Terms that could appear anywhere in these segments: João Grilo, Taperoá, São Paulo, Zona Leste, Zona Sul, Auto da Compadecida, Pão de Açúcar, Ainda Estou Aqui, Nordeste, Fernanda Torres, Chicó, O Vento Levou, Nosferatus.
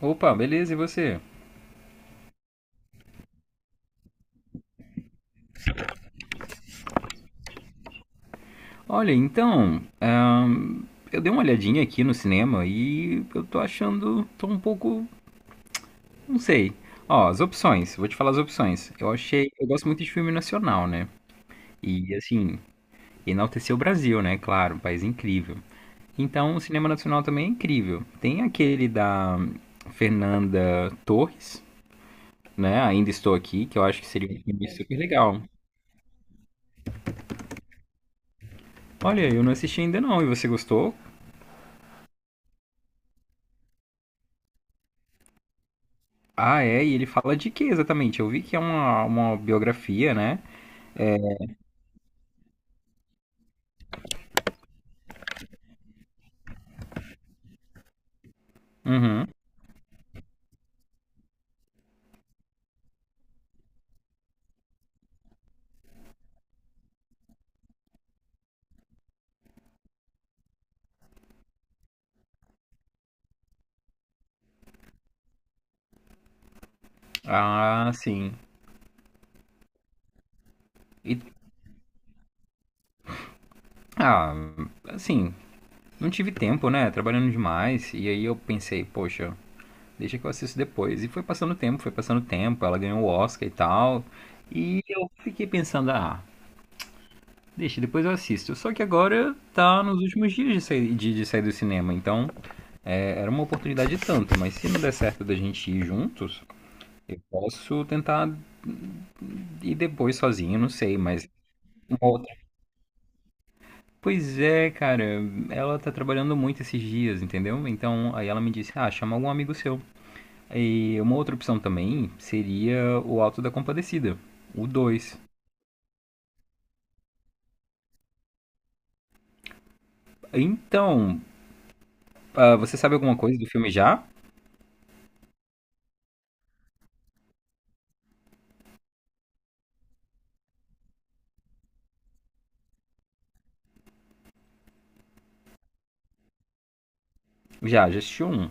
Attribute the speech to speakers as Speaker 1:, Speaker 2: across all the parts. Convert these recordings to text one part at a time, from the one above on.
Speaker 1: Opa, beleza, e você? Olha, então, ahn, eu dei uma olhadinha aqui no cinema e eu tô achando, tô um pouco, não sei. Ó, as opções, vou te falar as opções. Eu achei, eu gosto muito de filme nacional, né? E assim, enaltecer o Brasil, né? Claro, um país incrível. Então, o cinema nacional também é incrível. Tem aquele da Fernanda Torres, né? Ainda Estou Aqui, que eu acho que seria um filme super legal. Olha, eu não assisti ainda não, e você gostou? Ah, é, e ele fala de que exatamente? Eu vi que é uma biografia, né? Uhum. Ah, sim. E, ah, assim, não tive tempo, né? Trabalhando demais. E aí eu pensei, poxa, deixa que eu assisto depois. E foi passando tempo, foi passando tempo. Ela ganhou o Oscar e tal. E eu fiquei pensando, ah, deixa, depois eu assisto. Só que agora tá nos últimos dias de sair, de sair do cinema. Então, é, era uma oportunidade tanto. Mas se não der certo da gente ir juntos, eu posso tentar e depois sozinho, não sei, mas uma outra. Pois é, cara, ela tá trabalhando muito esses dias, entendeu? Então, aí ela me disse: "Ah, chama algum amigo seu". E uma outra opção também seria o Auto da Compadecida, o dois. Então, você sabe alguma coisa do filme já? Já, já assisti um.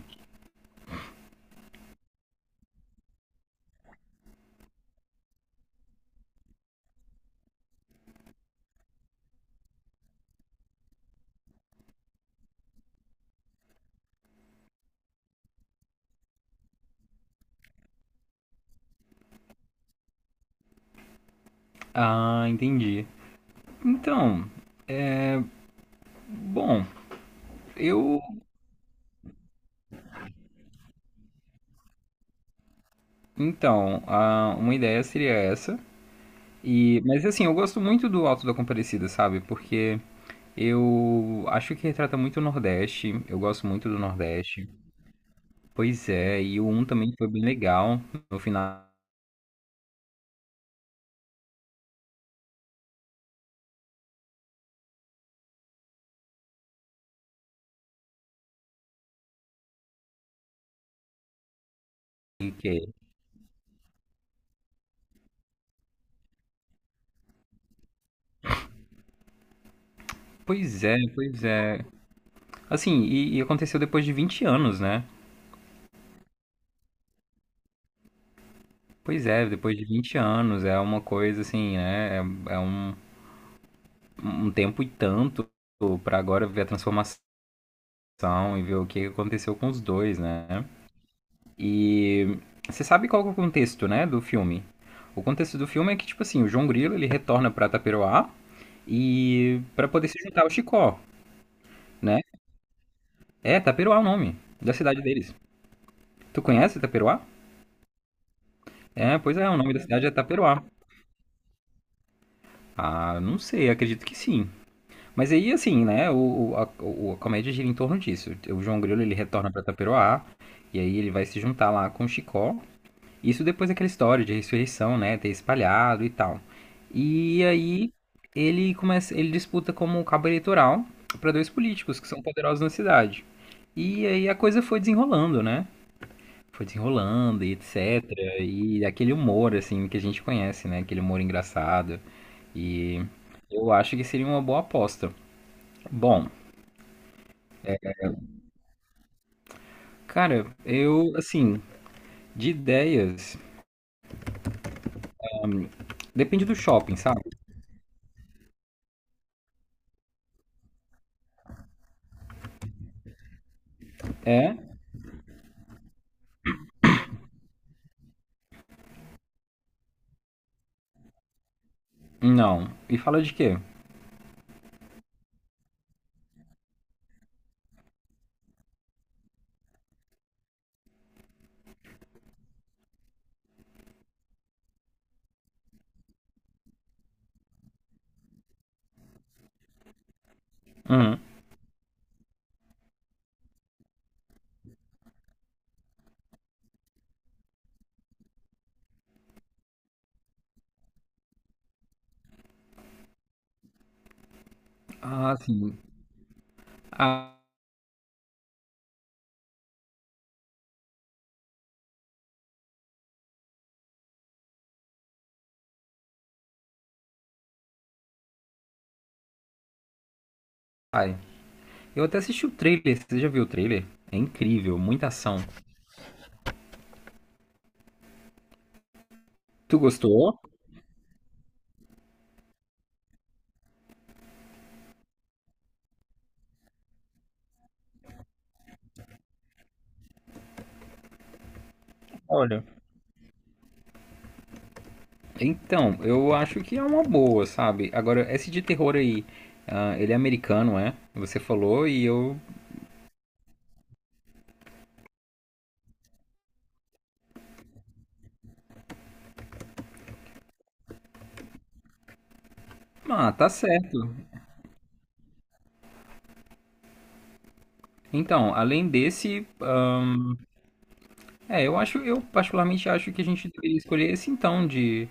Speaker 1: Ah, entendi. Então, bom, eu. Então, uma ideia seria essa. E, mas assim, eu gosto muito do Auto da Compadecida, sabe? Porque eu acho que retrata muito o Nordeste. Eu gosto muito do Nordeste. Pois é, e o um também foi bem legal no final. E que é- Pois é, pois é. Assim, e aconteceu depois de 20 anos, né? Pois é, depois de 20 anos, é uma coisa assim, né? É um tempo e tanto pra agora ver a transformação e ver o que aconteceu com os dois, né? E você sabe qual que é o contexto, né, do filme? O contexto do filme é que, tipo assim, o João Grilo, ele retorna pra Taperoá e para poder se juntar ao Chicó, né? É, Taperoá é o nome da cidade deles. Tu conhece Taperoá? É, pois é, o nome da cidade é Taperoá. Ah, não sei, acredito que sim. Mas aí, assim, né, a comédia gira em torno disso. O João Grilo, ele retorna pra Taperoá, e aí ele vai se juntar lá com o Chicó. Isso depois daquela história de ressurreição, né, ter espalhado e tal. E aí ele começa, ele disputa como um cabo eleitoral para dois políticos que são poderosos na cidade. E aí a coisa foi desenrolando, né? Foi desenrolando e etc. E aquele humor assim que a gente conhece, né, aquele humor engraçado. E eu acho que seria uma boa aposta. Bom, cara, eu assim, de ideias, depende do shopping, sabe? É? Não. E fala de quê? Uhum. Ah, sim. Ah, ai. Eu até assisti o trailer. Você já viu o trailer? É incrível, muita ação. Tu gostou? Olha. Então, eu acho que é uma boa, sabe? Agora, esse de terror aí, ah, ele é americano, é? Você falou e eu. Ah, tá certo. Então, além desse, é, eu acho, eu particularmente acho que a gente deveria escolher esse então de,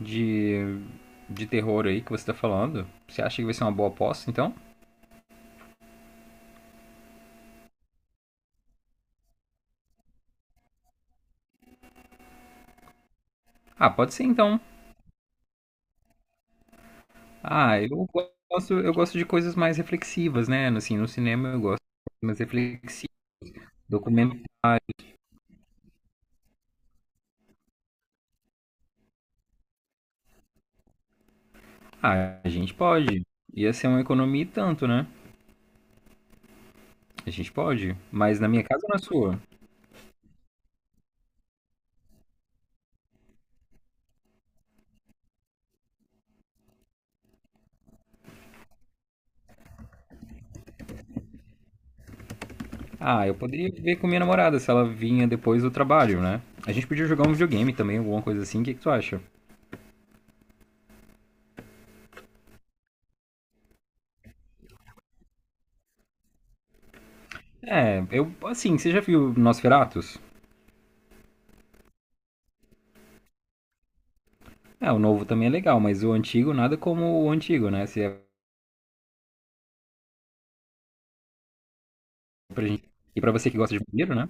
Speaker 1: de, de terror aí que você tá falando. Você acha que vai ser uma boa aposta, então? Ah, pode ser então. Ah, eu gosto de coisas mais reflexivas, né? Assim, no cinema eu gosto de coisas mais reflexivas. Documentário. Ah, a gente pode. Ia ser uma economia e tanto, né? A gente pode. Mas na minha casa ou na sua? Ah, eu poderia ver com minha namorada se ela vinha depois do trabalho, né? A gente podia jogar um videogame também, alguma coisa assim. O que que tu acha? É, eu, assim, você já viu Nosferatus? É, o novo também é legal, mas o antigo, nada como o antigo, né? Se é pra gente... E pra você que gosta de vampiro, né?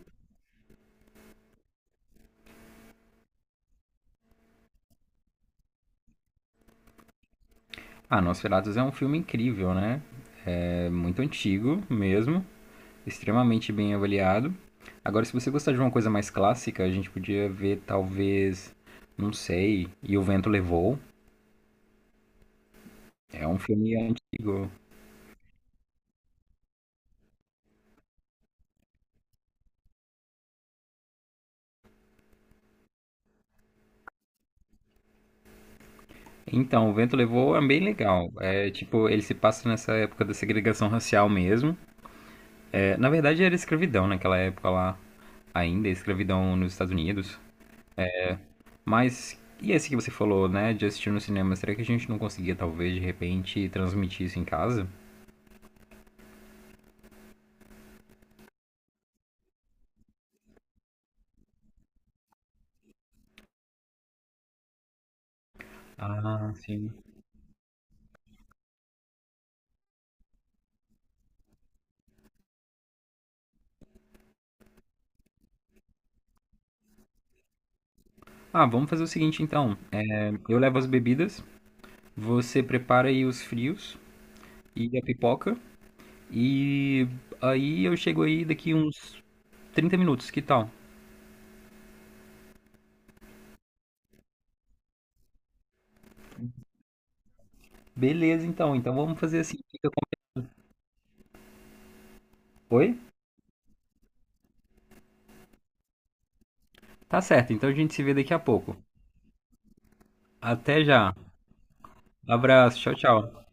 Speaker 1: Ah, Nosferatus é um filme incrível, né? É muito antigo mesmo, extremamente bem avaliado. Agora, se você gostar de uma coisa mais clássica, a gente podia ver talvez, não sei, E o Vento Levou. É um filme antigo. Então, O Vento Levou é bem legal. É tipo, ele se passa nessa época da segregação racial mesmo. É, na verdade, era escravidão naquela época lá, ainda, é escravidão nos Estados Unidos. Mas, e esse que você falou, né, de assistir no cinema, será que a gente não conseguia talvez de repente transmitir isso em casa? Ah, sim. Ah, vamos fazer o seguinte então. Eu levo as bebidas, você prepara aí os frios e a pipoca, e aí eu chego aí daqui uns 30 minutos, que tal? Beleza então, então vamos fazer assim. Fica Oi? Tá certo, então a gente se vê daqui a pouco. Até já. Abraço, tchau, tchau.